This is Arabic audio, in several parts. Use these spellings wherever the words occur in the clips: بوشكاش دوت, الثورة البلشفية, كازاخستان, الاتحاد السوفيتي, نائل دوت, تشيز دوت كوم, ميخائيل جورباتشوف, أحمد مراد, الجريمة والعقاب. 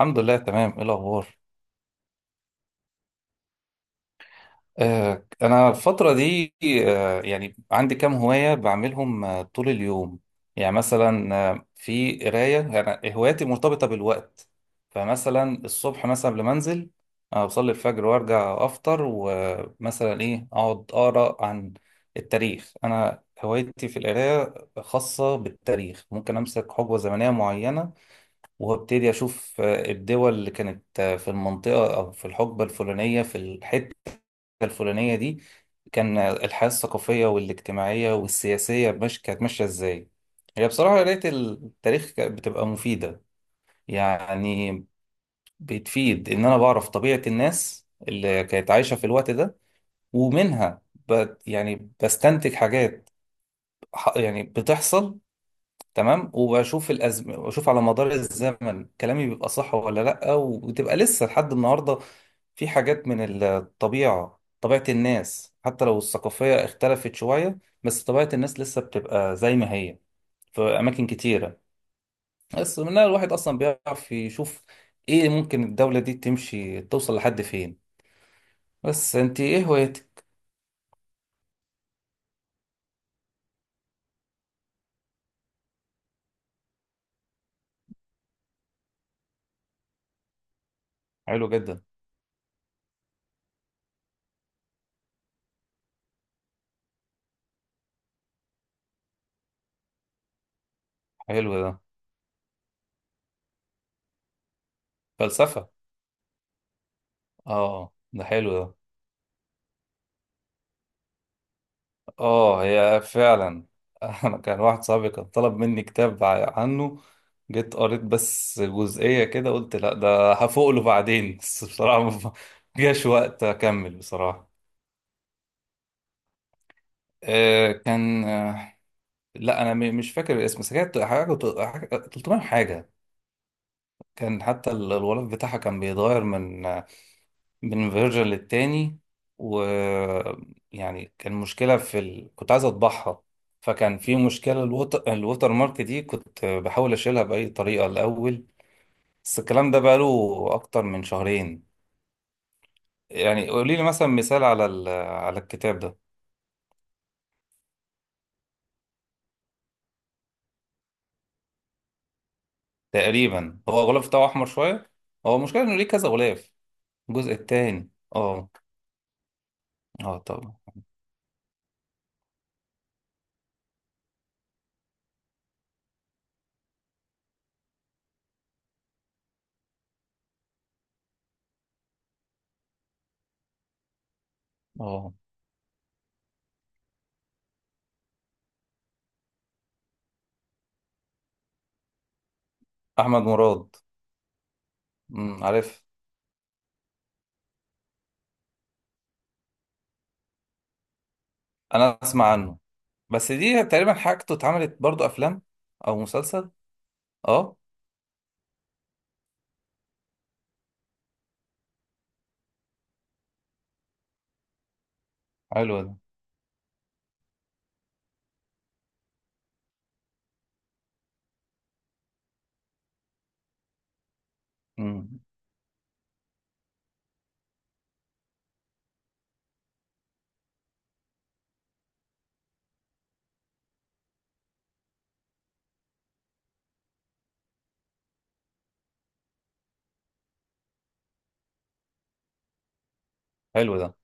الحمد لله. تمام، ايه الاخبار؟ انا الفتره دي، يعني عندي كام هوايه بعملهم طول اليوم. يعني مثلا في قرايه. يعني هواياتي مرتبطه بالوقت. فمثلا الصبح مثلا قبل ما انزل، بصلي الفجر وارجع افطر، ومثلا ايه، اقعد اقرا عن التاريخ. انا هوايتي في القرايه خاصه بالتاريخ. ممكن امسك حقبه زمنيه معينه وابتدي اشوف الدول اللي كانت في المنطقة او في الحقبة الفلانية في الحتة الفلانية دي، كان الحياة الثقافية والاجتماعية والسياسية مش كانت ماشية ازاي. هي بصراحة قراية التاريخ كانت بتبقى مفيدة. يعني بتفيد ان انا بعرف طبيعة الناس اللي كانت عايشة في الوقت ده، ومنها يعني بستنتج حاجات يعني بتحصل. تمام، وبشوف واشوف على مدار الزمن كلامي بيبقى صح ولا لا، وتبقى لسه لحد النهارده في حاجات من الطبيعه، طبيعه الناس، حتى لو الثقافيه اختلفت شويه، بس طبيعه الناس لسه بتبقى زي ما هي في اماكن كتيره. بس منها الواحد اصلا بيعرف يشوف ايه ممكن الدوله دي تمشي توصل لحد فين. بس انت ايه هوايتك؟ حلو جدا. حلو ده. فلسفه. اه، ده حلو ده. اه، هي فعلا. انا كان واحد صاحبي كان طلب مني كتاب عنه. جيت قريت بس جزئية كده، قلت لا، ده هفوق له بعدين. بس بصراحة ما جاش وقت اكمل بصراحة. آه كان آه لا، انا مش فاكر الاسم، بس كانت حاجة 300 حاجة. كان حتى الغلاف بتاعها كان بيتغير من فيرجن للتاني. و، يعني كان مشكلة في كنت عايز اطبعها، فكان في مشكلة الوتر مارك دي، كنت بحاول اشيلها بأي طريقة الأول. بس الكلام ده بقاله أكتر من شهرين. يعني قولي لي مثلا مثال على على الكتاب ده. تقريبا هو الغلاف بتاعه أحمر شوية. هو المشكلة إنه ليه كذا غلاف؟ الجزء التاني. اه. اه طبعا. اه. أحمد مراد. عارف. أنا أسمع عنه. بس دي تقريبا حاجته اتعملت برضو افلام او مسلسل. اه، حلو ده. امم حلو ده.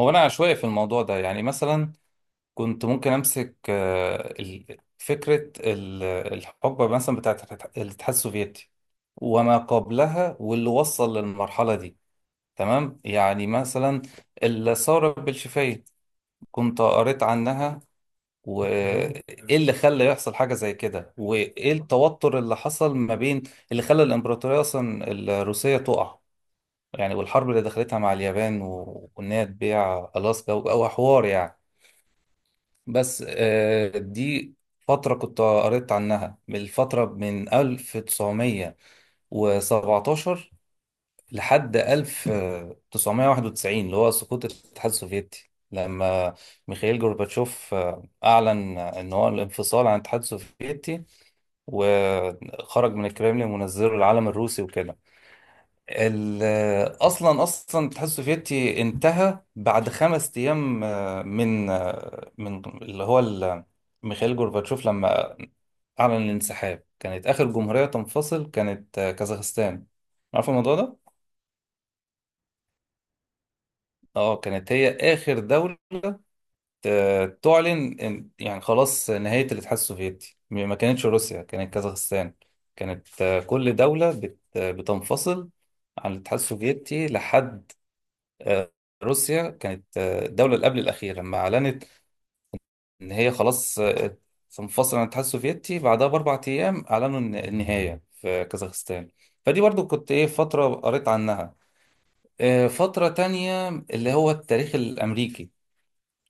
هو انا عشوائي في الموضوع ده. يعني مثلا كنت ممكن امسك فكره الحقبه مثلا بتاعت الاتحاد السوفيتي وما قبلها واللي وصل للمرحله دي. تمام، يعني مثلا الثوره البلشفيه، كنت قريت عنها. وايه تمام اللي خلى يحصل حاجة زي كده، وايه التوتر اللي حصل ما بين اللي خلى الامبراطورية اصلا الروسية تقع، يعني والحرب اللي دخلتها مع اليابان وان هي تبيع الاسكا او حوار يعني. بس دي فترة كنت قريت عنها، من الفترة من 1917 لحد 1991 اللي هو سقوط الاتحاد السوفيتي، لما ميخائيل جورباتشوف أعلن إن هو الانفصال عن الاتحاد السوفيتي، وخرج من الكرملين منزله العلم الروسي وكده. ال- أصلا أصلا الاتحاد السوفيتي انتهى بعد 5 أيام من اللي هو ميخائيل جورباتشوف لما أعلن الانسحاب. كانت آخر جمهورية تنفصل كانت كازاخستان. عارف الموضوع ده؟ اه، كانت هي اخر دولة تعلن يعني خلاص نهاية الاتحاد السوفيتي، ما كانتش روسيا، كانت كازاخستان. كانت كل دولة بتنفصل عن الاتحاد السوفيتي لحد آه، روسيا. كانت الدولة اللي قبل الأخيرة لما أعلنت إن هي خلاص تنفصل عن الاتحاد السوفيتي. بعدها بأربع أيام أعلنوا النهاية في كازاخستان. فدي برضو كنت إيه، فترة قريت عنها. فترة تانية، اللي هو التاريخ الأمريكي،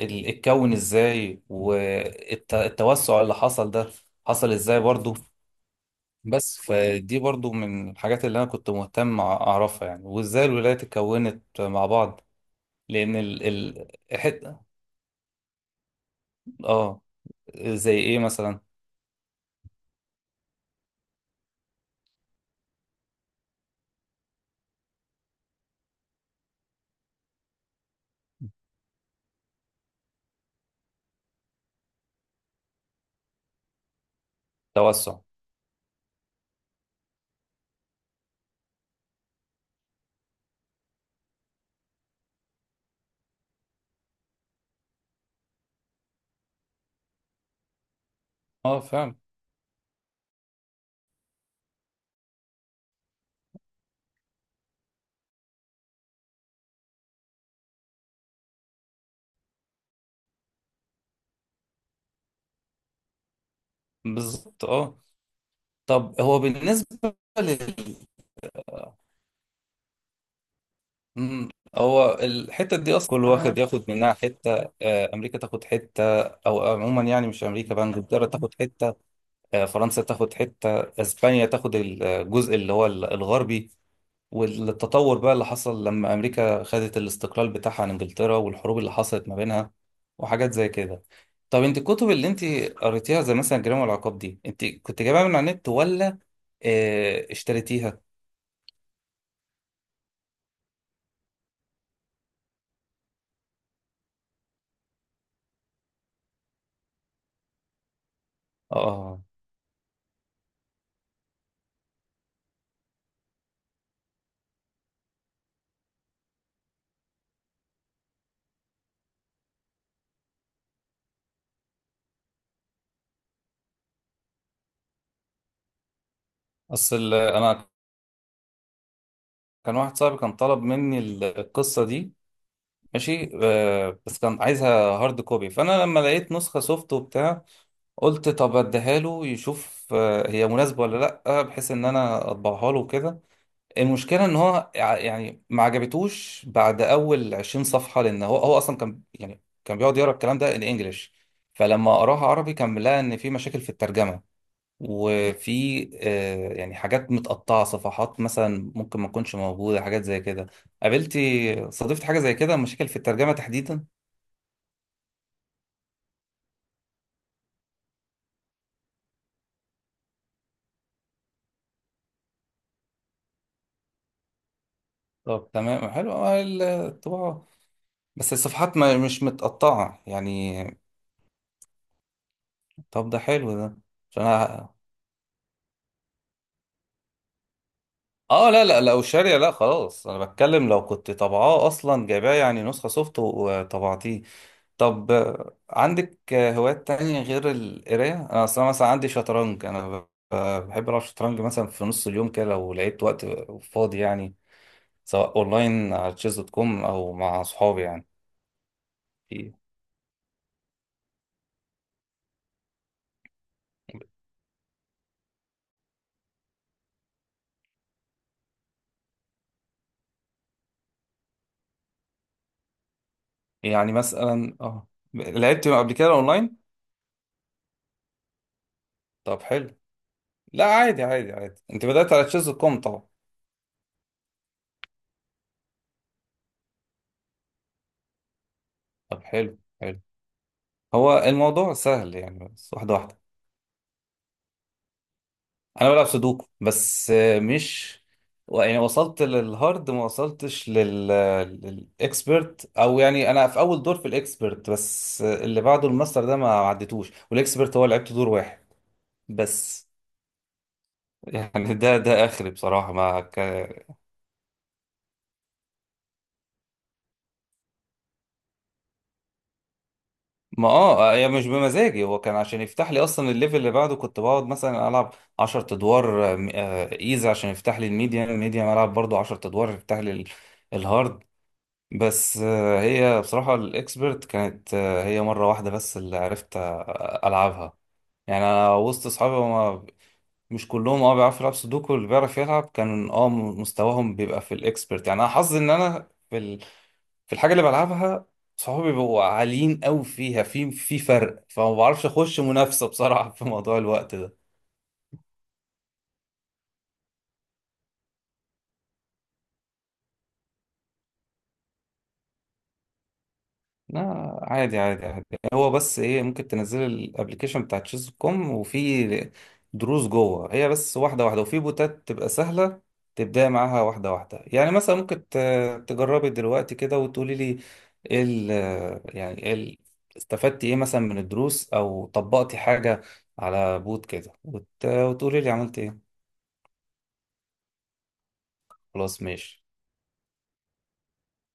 اتكون ازاي، والتوسع اللي حصل ده حصل ازاي برضو. بس فدي برضو من الحاجات اللي انا كنت مهتم اعرفها، يعني وازاي الولايات اتكونت مع بعض، لان ال حتة. اه، زي ايه مثلا؟ توسع. اه فاهم. بالظبط اه. طب هو بالنسبة لل، آه، مم. هو الحتة دي أصلا كل واحد ياخد منها حتة. أمريكا تاخد حتة، أو عموما يعني مش أمريكا، بقى إنجلترا تاخد حتة، فرنسا تاخد حتة، اسبانيا تاخد الجزء اللي هو الغربي. والتطور بقى اللي حصل لما امريكا خدت الاستقلال بتاعها عن انجلترا، والحروب اللي حصلت ما بينها، وحاجات زي كده. طب انت الكتب اللي انت قريتيها، زي مثلا الجريمة والعقاب دي، انت كنت جايبها من على النت، ولا اشتريتيها؟ اه. اصل انا كان واحد صاحبي كان طلب مني القصة دي. ماشي بس كان عايزها هارد كوبي. فانا لما لقيت نسخة سوفت وبتاع، قلت طب اديها له يشوف هي مناسبه ولا لا، بحيث ان انا اطبعها له كده. المشكله ان هو يعني ما عجبتوش بعد اول 20 صفحه، لان هو اصلا كان، يعني كان بيقعد يقرا الكلام ده الانجليش. فلما قراها عربي كان لقى ان في مشاكل في الترجمه، وفي يعني حاجات متقطعه، صفحات مثلا ممكن ما تكونش موجوده، حاجات زي كده. قابلتي، صادفت حاجه زي كده، مشاكل في الترجمه تحديدا؟ طب تمام، حلو الطباعه، بس الصفحات ما مش متقطعة يعني. طب ده حلو ده. عشان أنا. اه، لا لا، لو شارية لا، خلاص، انا بتكلم لو كنت طبعاه اصلا جايباه، يعني نسخة سوفت وطبعتيه. طب عندك هوايات تانية غير القراية؟ انا اصلا مثلا عندي شطرنج، انا بحب العب شطرنج مثلا في نص اليوم كده لو لقيت وقت فاضي يعني، سواء اونلاين على تشيز دوت كوم او مع صحابي يعني. يعني مثلا اه، لعبت قبل كده اونلاين. طب حلو. لا عادي عادي عادي، انت بدأت على تشيز كوم طبعا. طب حلو حلو. هو الموضوع سهل يعني، بس واحدة واحدة. انا بلعب سودوكو، بس مش يعني وصلت للهارد، ما وصلتش للاكسبرت، او يعني انا في اول دور في الاكسبرت، بس اللي بعده الماستر ده ما عدتوش، والاكسبرت هو لعبت دور واحد بس. يعني ده اخري بصراحة ما، ما اه هي مش بمزاجي. هو كان عشان يفتح لي اصلا الليفل اللي بعده، كنت بقعد مثلا العب 10 ادوار ايزي عشان يفتح لي الميديم، العب برضو 10 ادوار يفتح لي الهارد. بس هي بصراحة الاكسبرت كانت هي مرة واحدة بس اللي عرفت العبها. يعني انا وسط اصحابي هما مش كلهم اه بيعرفوا يلعبوا سودوكو، اللي بيعرف يلعب كان اه مستواهم بيبقى في الاكسبرت. يعني انا حظي ان انا في الحاجه اللي بلعبها صحابي بيبقوا عاليين قوي فيها، في فرق، فما بعرفش اخش منافسه بصراحه في موضوع الوقت ده. لا عادي عادي عادي. هو بس ايه، ممكن تنزل الابلكيشن بتاع تشيز كوم، وفي دروس جوه، هي بس واحده واحده. وفي بوتات تبقى سهله تبداي معاها واحده واحده. يعني مثلا ممكن تجربي دلوقتي كده وتقولي لي ايه ال، يعني ايه استفدتي ايه مثلا من الدروس، او طبقتي حاجه على بوت كده، وتقولي لي عملت ايه. خلاص ماشي.